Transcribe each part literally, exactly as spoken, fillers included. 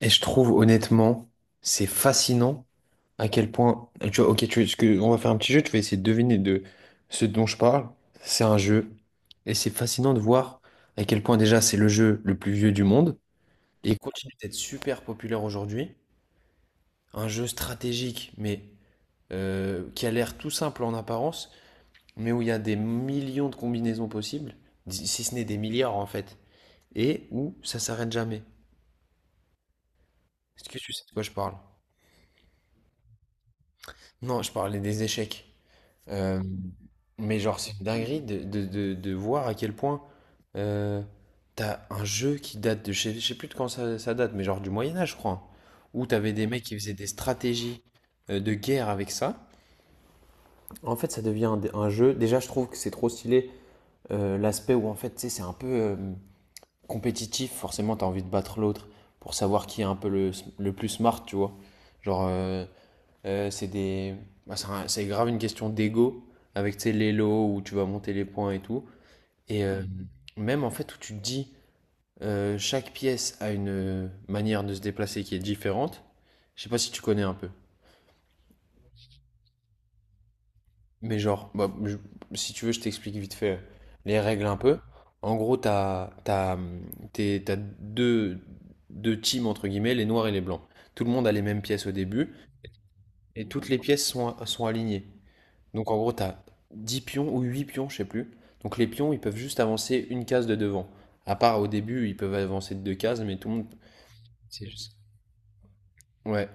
Et je trouve honnêtement, c'est fascinant à quel point. Tu vois, ok, tu, ce que- on va faire un petit jeu, tu vas essayer de deviner de ce dont je parle. C'est un jeu. Et c'est fascinant de voir à quel point déjà c'est le jeu le plus vieux du monde. Et il continue d'être super populaire aujourd'hui. Un jeu stratégique, mais euh, qui a l'air tout simple en apparence, mais où il y a des millions de combinaisons possibles, si ce n'est des milliards en fait. Et où ça s'arrête jamais. Est-ce que tu sais de quoi je parle? Non, je parlais des échecs. Euh, mais genre, c'est une dinguerie de, de- de- de voir à quel point euh, t'as un jeu qui date de, je sais, je sais plus de quand ça, ça date, mais genre du Moyen Âge, je crois, hein, où t'avais des mecs qui faisaient des stratégies euh, de guerre avec ça. En fait, ça devient un, un jeu. Déjà, je trouve que c'est trop stylé euh, l'aspect où en fait, tu sais, c'est un peu euh, compétitif. Forcément, t'as envie de battre l'autre pour savoir qui est un peu le, le plus smart, tu vois. Genre, euh, euh, c'est des... bah, c'est un- c'est grave une question d'ego avec, tu sais, les lots où tu vas monter les points et tout. Et euh, même en fait où tu te dis euh, chaque pièce a une euh, manière de se déplacer qui est différente. Je sais pas si tu connais un peu. Mais genre, bah, je- si tu veux, je t'explique vite fait euh, les règles un peu. En gros, t'as, t'as, hum, t'es- t'as deux, deux teams entre guillemets, les noirs et les blancs. Tout le monde a les mêmes pièces au début et toutes les pièces sont, sont alignées. Donc en gros, t'as dix pions ou huit pions, je sais plus. Donc les pions, ils peuvent juste avancer une case de devant. À part au début, ils peuvent avancer de deux cases, mais tout le monde. C'est juste. Ouais.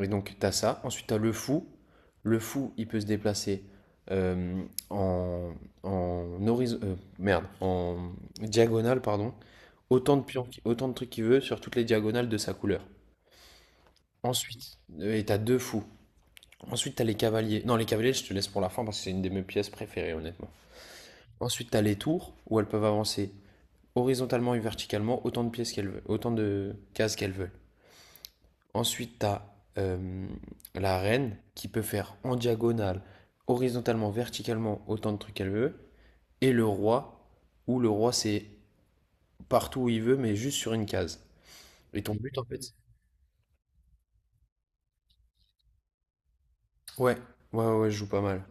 Et donc t'as ça. Ensuite, t'as le fou. Le fou, il peut se déplacer euh, en, en horiz- euh, merde, en diagonale, pardon. Autant de pions, autant de trucs qu'il veut sur toutes les diagonales de sa couleur. Ensuite, Et t'as deux fous. Ensuite, t'as les cavaliers. Non, les cavaliers, je te laisse pour la fin parce que c'est une de mes pièces préférées, honnêtement. Ensuite, tu as les tours où elles peuvent avancer horizontalement et verticalement autant de pièces qu'elles veulent, autant de cases qu'elles veulent. Ensuite, tu as euh, la reine qui peut faire en diagonale, horizontalement, verticalement autant de trucs qu'elle veut. Et le roi, où le roi c'est partout où il veut, mais juste sur une case. Et ton but en fait? Ouais, ouais, ouais, ouais, je joue pas mal.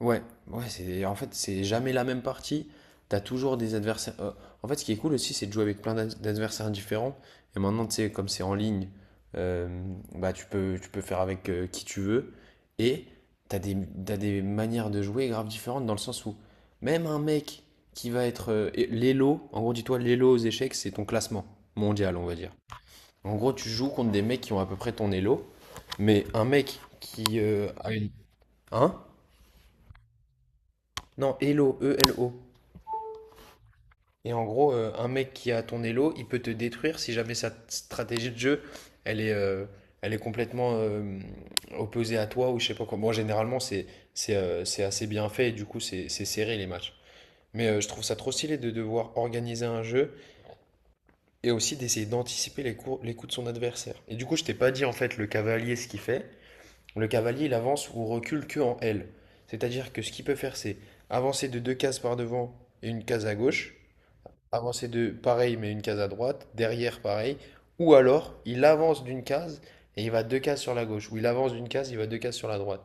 Ouais, ouais, c'est, en fait, c'est jamais la même partie. T'as toujours des adversaires. Euh, en fait, ce qui est cool aussi, c'est de jouer avec plein d'ad- d'adversaires différents. Et maintenant, tu sais, comme c'est en ligne, euh, bah, tu peux tu peux faire avec euh, qui tu veux. Et t'as des t'as des manières de jouer grave différentes, dans le sens où même un mec qui va être euh, et- l'élo, en gros, dis-toi, l'élo aux échecs, c'est ton classement mondial, on va dire. En gros, tu joues contre des mecs qui ont à peu près ton élo, mais un mec qui euh, a une, hein? Non, élo, E L O. Et en gros, euh, un mec qui a ton elo, il peut te détruire si jamais sa t- stratégie de jeu, elle est, euh, elle est complètement euh, opposée à toi, ou je sais pas quoi. Bon, généralement, c'est, c'est, euh, c'est assez bien fait et du coup, c'est, c'est serré, les matchs. Mais euh, je trouve ça trop stylé de devoir organiser un jeu et aussi d'essayer d'anticiper les coups, les coups de son adversaire. Et du coup, je t'ai pas dit en fait le cavalier ce qu'il fait. Le cavalier, il avance ou recule que en L. C'est-à-dire que ce qu'il peut faire, c'est avancer de deux cases par devant et une case à gauche, avancer de pareil mais une case à droite, derrière pareil, ou alors il avance d'une case et il va deux cases sur la gauche, ou il avance d'une case, il va deux cases sur la droite.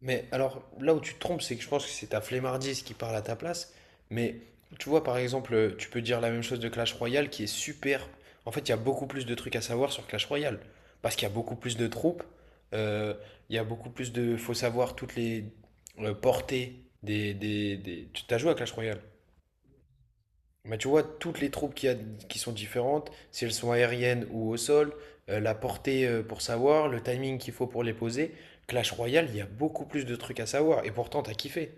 Mais alors là où tu te trompes, c'est que je pense que c'est ta flemmardise qui parle à ta place. Mais tu vois, par exemple, tu peux dire la même chose de Clash Royale, qui est super. En fait, il y a beaucoup plus de trucs à savoir sur Clash Royale, parce qu'il y a beaucoup plus de troupes, euh, il y a beaucoup plus de... faut savoir toutes les euh, portées des... des, des... Tu as joué à Clash Royale? Mais tu vois, toutes les troupes qu'il y a, qui sont différentes, si elles sont aériennes ou au sol, euh, la portée, euh, pour savoir le timing qu'il faut pour les poser, Clash Royale, il y a beaucoup plus de trucs à savoir, et pourtant t'as kiffé.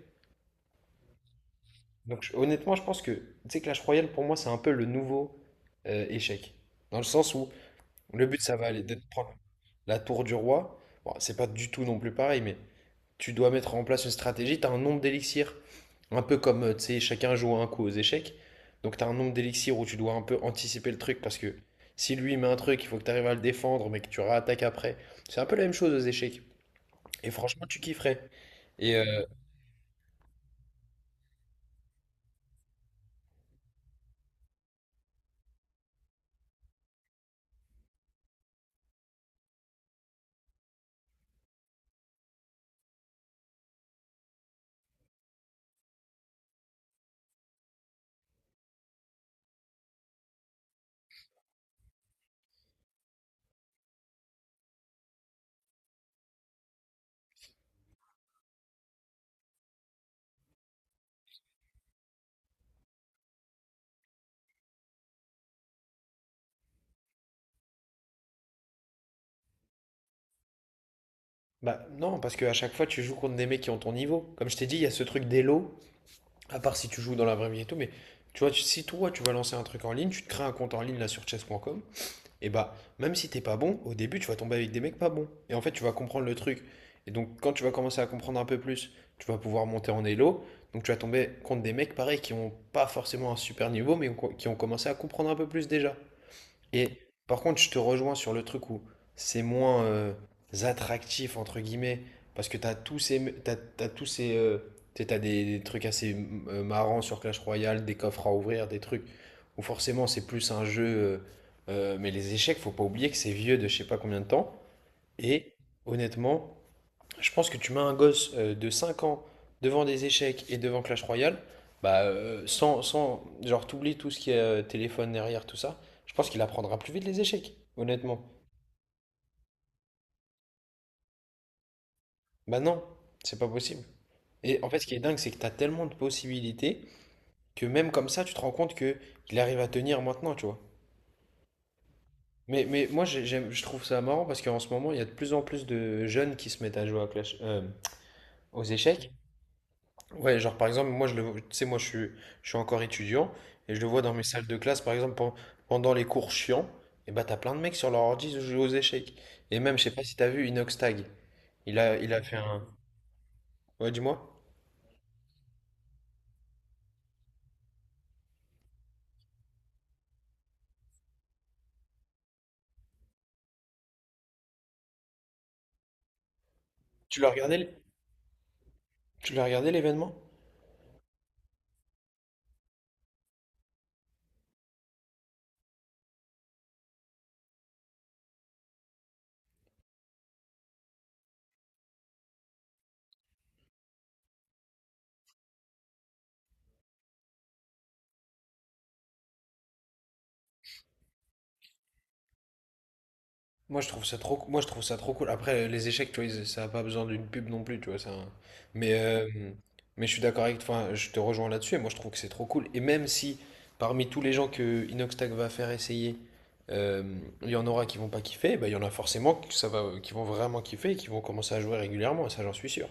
Donc je- honnêtement, je pense que, tu sais, Clash Royale, pour moi, c'est un peu le nouveau euh, échec. Dans le sens où le but, ça va aller d'être prendre la tour du roi. Bon, c'est pas du tout non plus pareil, mais tu dois mettre en place une stratégie, tu as un nombre d'élixirs. Un peu comme, euh, tu sais, chacun joue un coup aux échecs. Donc tu as un nombre d'élixirs où tu dois un peu anticiper le truc parce que si lui met un truc, il faut que tu arrives à le défendre, mais que tu réattaques après. C'est un peu la même chose aux échecs. Et franchement, tu kifferais. Et euh, bah non, parce qu'à chaque fois, tu joues contre des mecs qui ont ton niveau. Comme je t'ai dit, il y a ce truc d'élo, à part si tu joues dans la vraie vie et tout, mais tu vois, tu- si toi, tu vas lancer un truc en ligne, tu te crées un compte en ligne là sur chess dot com Et bah, même si t'es pas bon, au début, tu vas tomber avec des mecs pas bons. Et en fait, tu vas comprendre le truc. Et donc, quand tu vas commencer à comprendre un peu plus, tu vas pouvoir monter en elo. Donc, tu vas tomber contre des mecs, pareil, qui ont pas forcément un super niveau, mais qui ont commencé à comprendre un peu plus déjà. Et par contre, je te rejoins sur le truc où c'est moins euh, attractif, entre guillemets, parce que t'as tous ces. T'as, t'as tous ces. Euh, t'sais, t'as des, des trucs assez euh, marrants sur Clash Royale, des coffres à ouvrir, des trucs où forcément c'est plus un jeu. Euh, euh, mais les échecs, faut pas oublier que c'est vieux de je sais pas combien de temps. Et honnêtement, je pense que tu mets un gosse euh, de cinq ans devant des échecs et devant Clash Royale, bah, euh, sans, sans, genre, t'oublies tout ce qui est euh, téléphone derrière, tout ça, je pense qu'il apprendra plus vite les échecs, honnêtement. Bah non, c'est pas possible. Et en fait, ce qui est dingue, c'est que t'as tellement de possibilités que même comme ça, tu te rends compte que il arrive à tenir maintenant, tu vois. Mais, mais moi, j'ai- j'aime, je trouve ça marrant parce qu'en ce moment, il y a de plus en plus de jeunes qui se mettent à jouer à Clash, euh, aux échecs. Ouais, genre par exemple, moi je le, tu sais, moi je suis, je suis encore étudiant et je le vois dans mes salles de classe, par exemple, pen- pendant les cours chiants, et bah t'as plein de mecs sur leur ordi jouer aux échecs. Et même, je sais pas si t'as vu Inox Tag. Il a, il a fait un. Ouais, dis-moi. Tu l'as regardé, l- tu l'as regardé, l'événement? Moi je trouve ça trop, moi je trouve ça trop cool. Après, les échecs, tu vois, ils- ça a pas besoin d'une pub non plus, tu vois. Ça... hein. Mais euh, mais je suis d'accord avec, enfin, je te rejoins là-dessus. Et moi je trouve que c'est trop cool. Et même si parmi tous les gens que Inoxtag va faire essayer, euh, il y en aura qui vont pas kiffer, bah, il y en a forcément que ça va, qui vont vraiment kiffer et qui vont commencer à jouer régulièrement. Et ça, j'en suis sûr.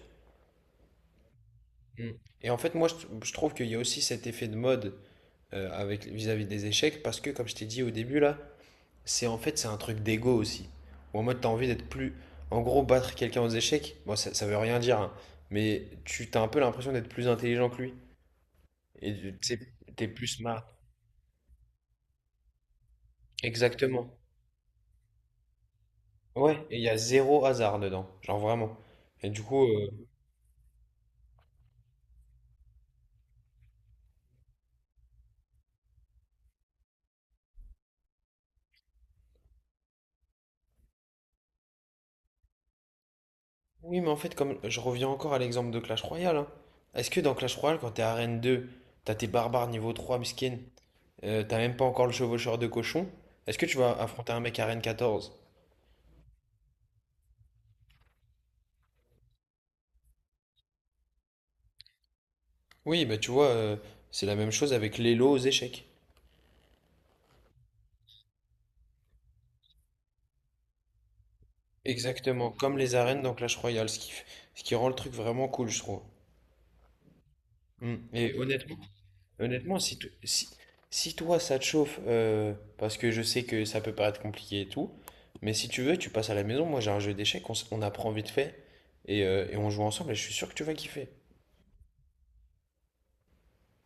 Mm. Et en fait, moi je, je trouve qu'il y a aussi cet effet de mode euh, avec vis-à-vis des échecs, parce que comme je t'ai dit au début là. C'est en fait, c'est un truc d'ego aussi. Ou en mode, t'as envie d'être plus. En gros, battre quelqu'un aux échecs, bon, ça, ça veut rien dire, hein, mais tu t'as un peu l'impression d'être plus intelligent que lui. Et tu- t'sais, t'es plus smart. Exactement. Ouais, et il y a zéro hasard dedans. Genre vraiment. Et du coup. euh, Oui, mais en fait, comme je reviens encore à l'exemple de Clash Royale, hein. Est-ce que dans Clash Royale, quand t'es arène deux, t'as tes barbares niveau trois miskin, euh, t'as même pas encore le chevaucheur de cochon, est-ce que tu vas affronter un mec arène quatorze? Oui, bah tu vois, euh, c'est la même chose avec les lots aux échecs. Exactement, comme les arènes dans Clash Royale, ce qui, f- ce qui rend le truc vraiment cool, je trouve. Mm. Et honnêtement, honnêtement, si, to- si, si toi ça te chauffe, euh, parce que je sais que ça peut paraître compliqué et tout, mais si tu veux, tu passes à la maison, moi j'ai un jeu d'échecs, on, s- on apprend vite fait, et, euh, et on joue ensemble, et je suis sûr que tu vas kiffer.